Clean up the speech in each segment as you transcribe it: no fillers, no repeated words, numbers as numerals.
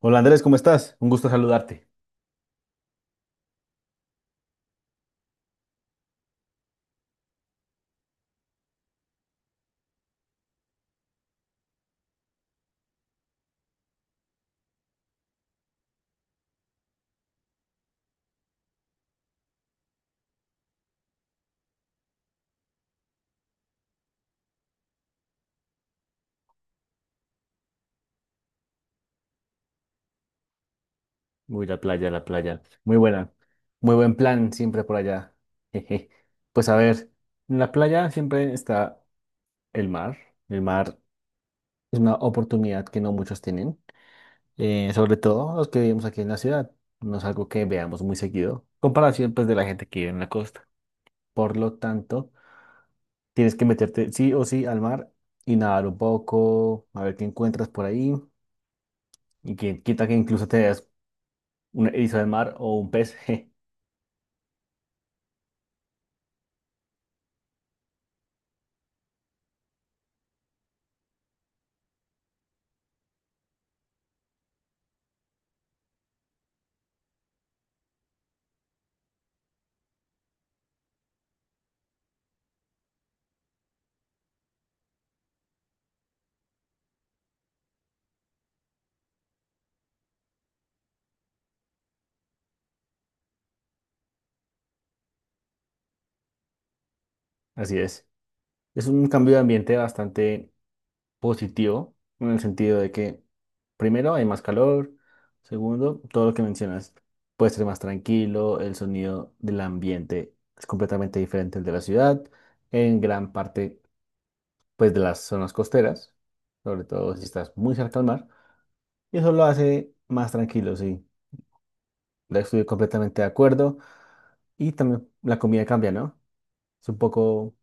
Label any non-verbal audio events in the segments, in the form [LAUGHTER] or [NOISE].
Hola Andrés, ¿cómo estás? Un gusto saludarte. Uy, la playa, la playa. Muy buena. Muy buen plan siempre por allá. [LAUGHS] Jeje. Pues a ver, en la playa siempre está el mar. El mar es una oportunidad que no muchos tienen, sobre todo los que vivimos aquí en la ciudad. No es algo que veamos muy seguido, comparación pues de la gente que vive en la costa. Por lo tanto, tienes que meterte sí o sí al mar y nadar un poco, a ver qué encuentras por ahí y quien quita que incluso te des un erizo de mar o un pez. [LAUGHS] Así es. Es un cambio de ambiente bastante positivo en el sentido de que, primero, hay más calor, segundo, todo lo que mencionas puede ser más tranquilo, el sonido del ambiente es completamente diferente al de la ciudad, en gran parte, pues, de las zonas costeras, sobre todo si estás muy cerca al mar, y eso lo hace más tranquilo, sí. La Estoy completamente de acuerdo y también la comida cambia, ¿no? Es un poco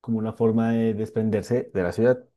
como una forma de desprenderse de la ciudad.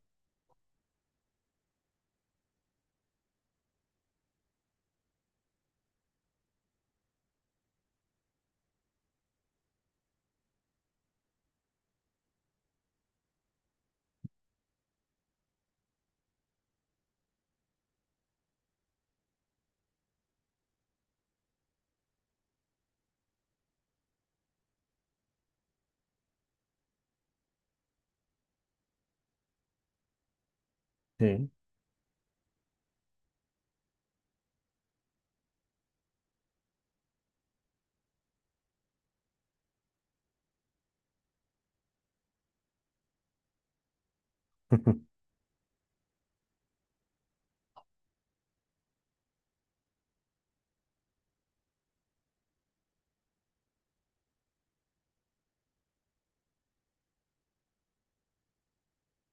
Sí. [LAUGHS]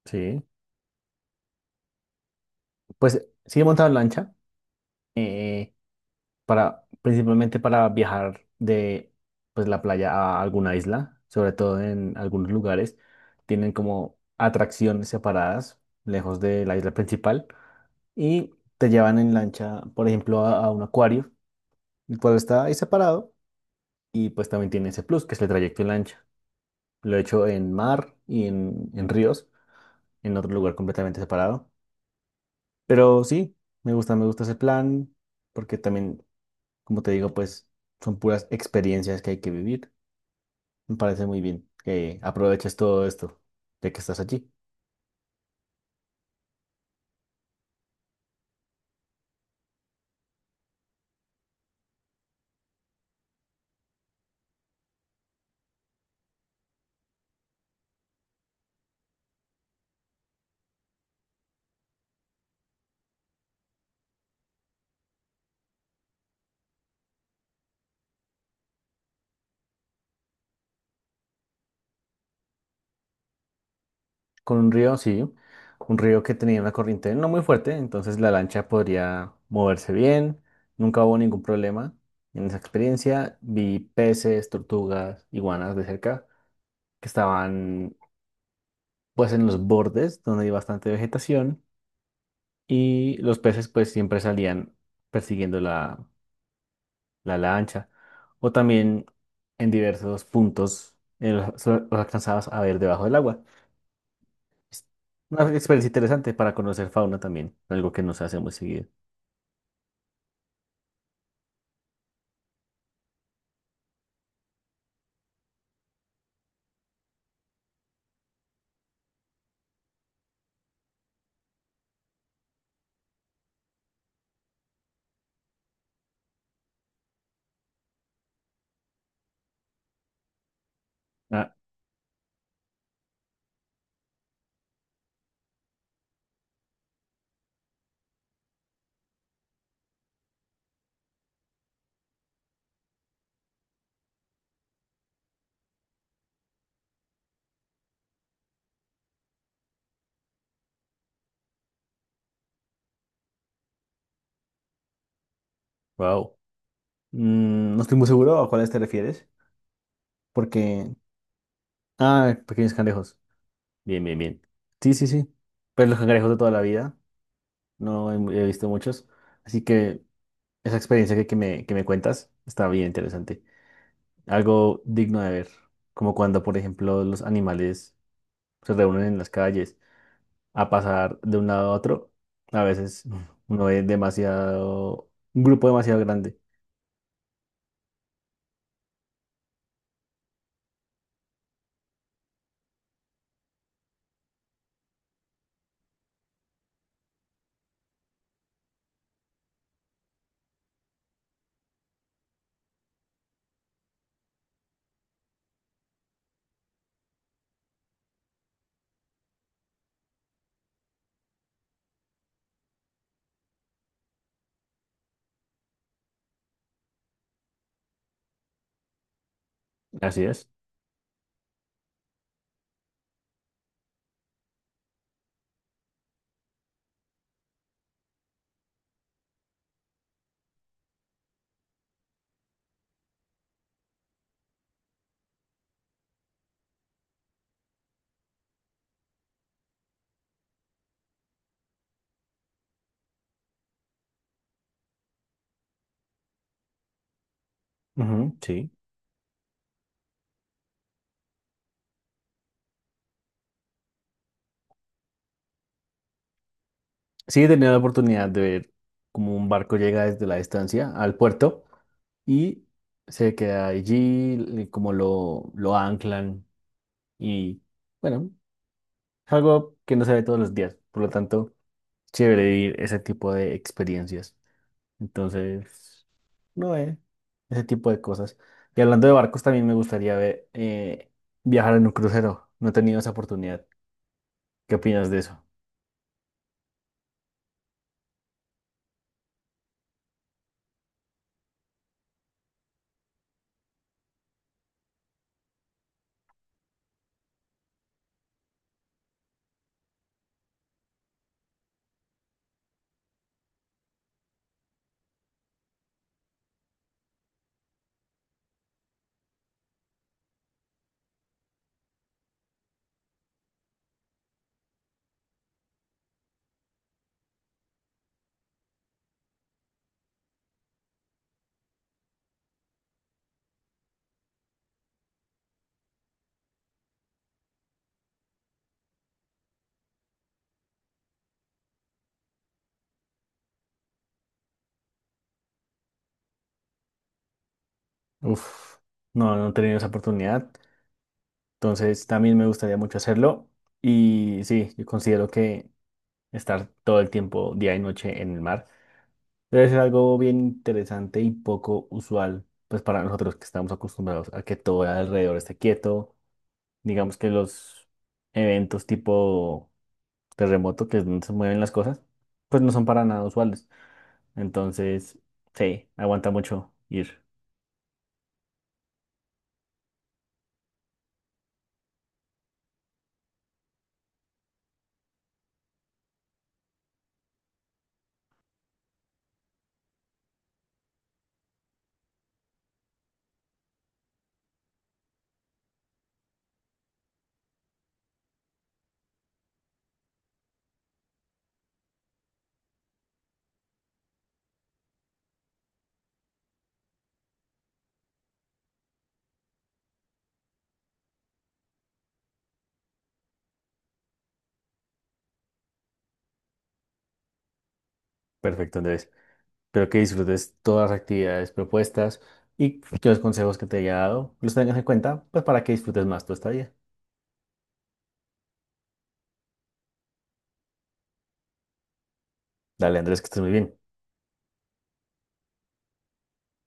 Sí, pues sí he montado en lancha eh, para principalmente para viajar de pues la playa a alguna isla, sobre todo en algunos lugares tienen como atracciones separadas lejos de la isla principal y te llevan en lancha, por ejemplo, a un acuario, el cual está ahí separado y pues también tiene ese plus que es el trayecto en lancha. Lo he hecho en mar y en ríos, en otro lugar completamente separado, pero sí, me gusta ese plan porque también, como te digo, pues son puras experiencias que hay que vivir. Me parece muy bien que aproveches todo esto, ya que estás allí. Con un río, sí, un río que tenía una corriente no muy fuerte, entonces la lancha podría moverse bien. Nunca hubo ningún problema en esa experiencia. Vi peces, tortugas, iguanas de cerca, que estaban pues en los bordes donde hay bastante vegetación y los peces pues siempre salían persiguiendo la lancha, o también en diversos puntos los alcanzabas a ver debajo del agua. Es una experiencia interesante para conocer fauna también, algo que no se hace muy seguido. Ah, wow. Mm, no estoy muy seguro a cuáles te refieres, porque... Ah, pequeños cangrejos. Bien, bien, bien. Sí, sí, sí. Pues los cangrejos de toda la vida, no he, mu- he visto muchos, así que esa experiencia que me cuentas está bien interesante. Algo digno de ver, como cuando, por ejemplo, los animales se reúnen en las calles a pasar de un lado a otro. A veces uno ve demasiado, un grupo demasiado grande. Así es. Ujú, sí. Sí, he tenido la oportunidad de ver cómo un barco llega desde la distancia al puerto y se queda allí, como lo anclan y bueno, es algo que no se ve todos los días, por lo tanto, chévere vivir ese tipo de experiencias. Entonces, no, eh. Ese tipo de cosas. Y hablando de barcos, también me gustaría ver, viajar en un crucero. No he tenido esa oportunidad. ¿Qué opinas de eso? Uf, no, he tenido esa oportunidad. Entonces, también me gustaría mucho hacerlo. Y sí, yo considero que estar todo el tiempo, día y noche, en el mar debe ser algo bien interesante y poco usual, pues para nosotros que estamos acostumbrados a que todo alrededor esté quieto. Digamos que los eventos tipo terremoto, que es donde se mueven las cosas, pues no son para nada usuales. Entonces, sí, aguanta mucho ir. Perfecto, Andrés. Espero que disfrutes todas las actividades propuestas y que los consejos que te haya dado los tengas en cuenta, pues para que disfrutes más tu estadía. Dale, Andrés, que estés muy bien.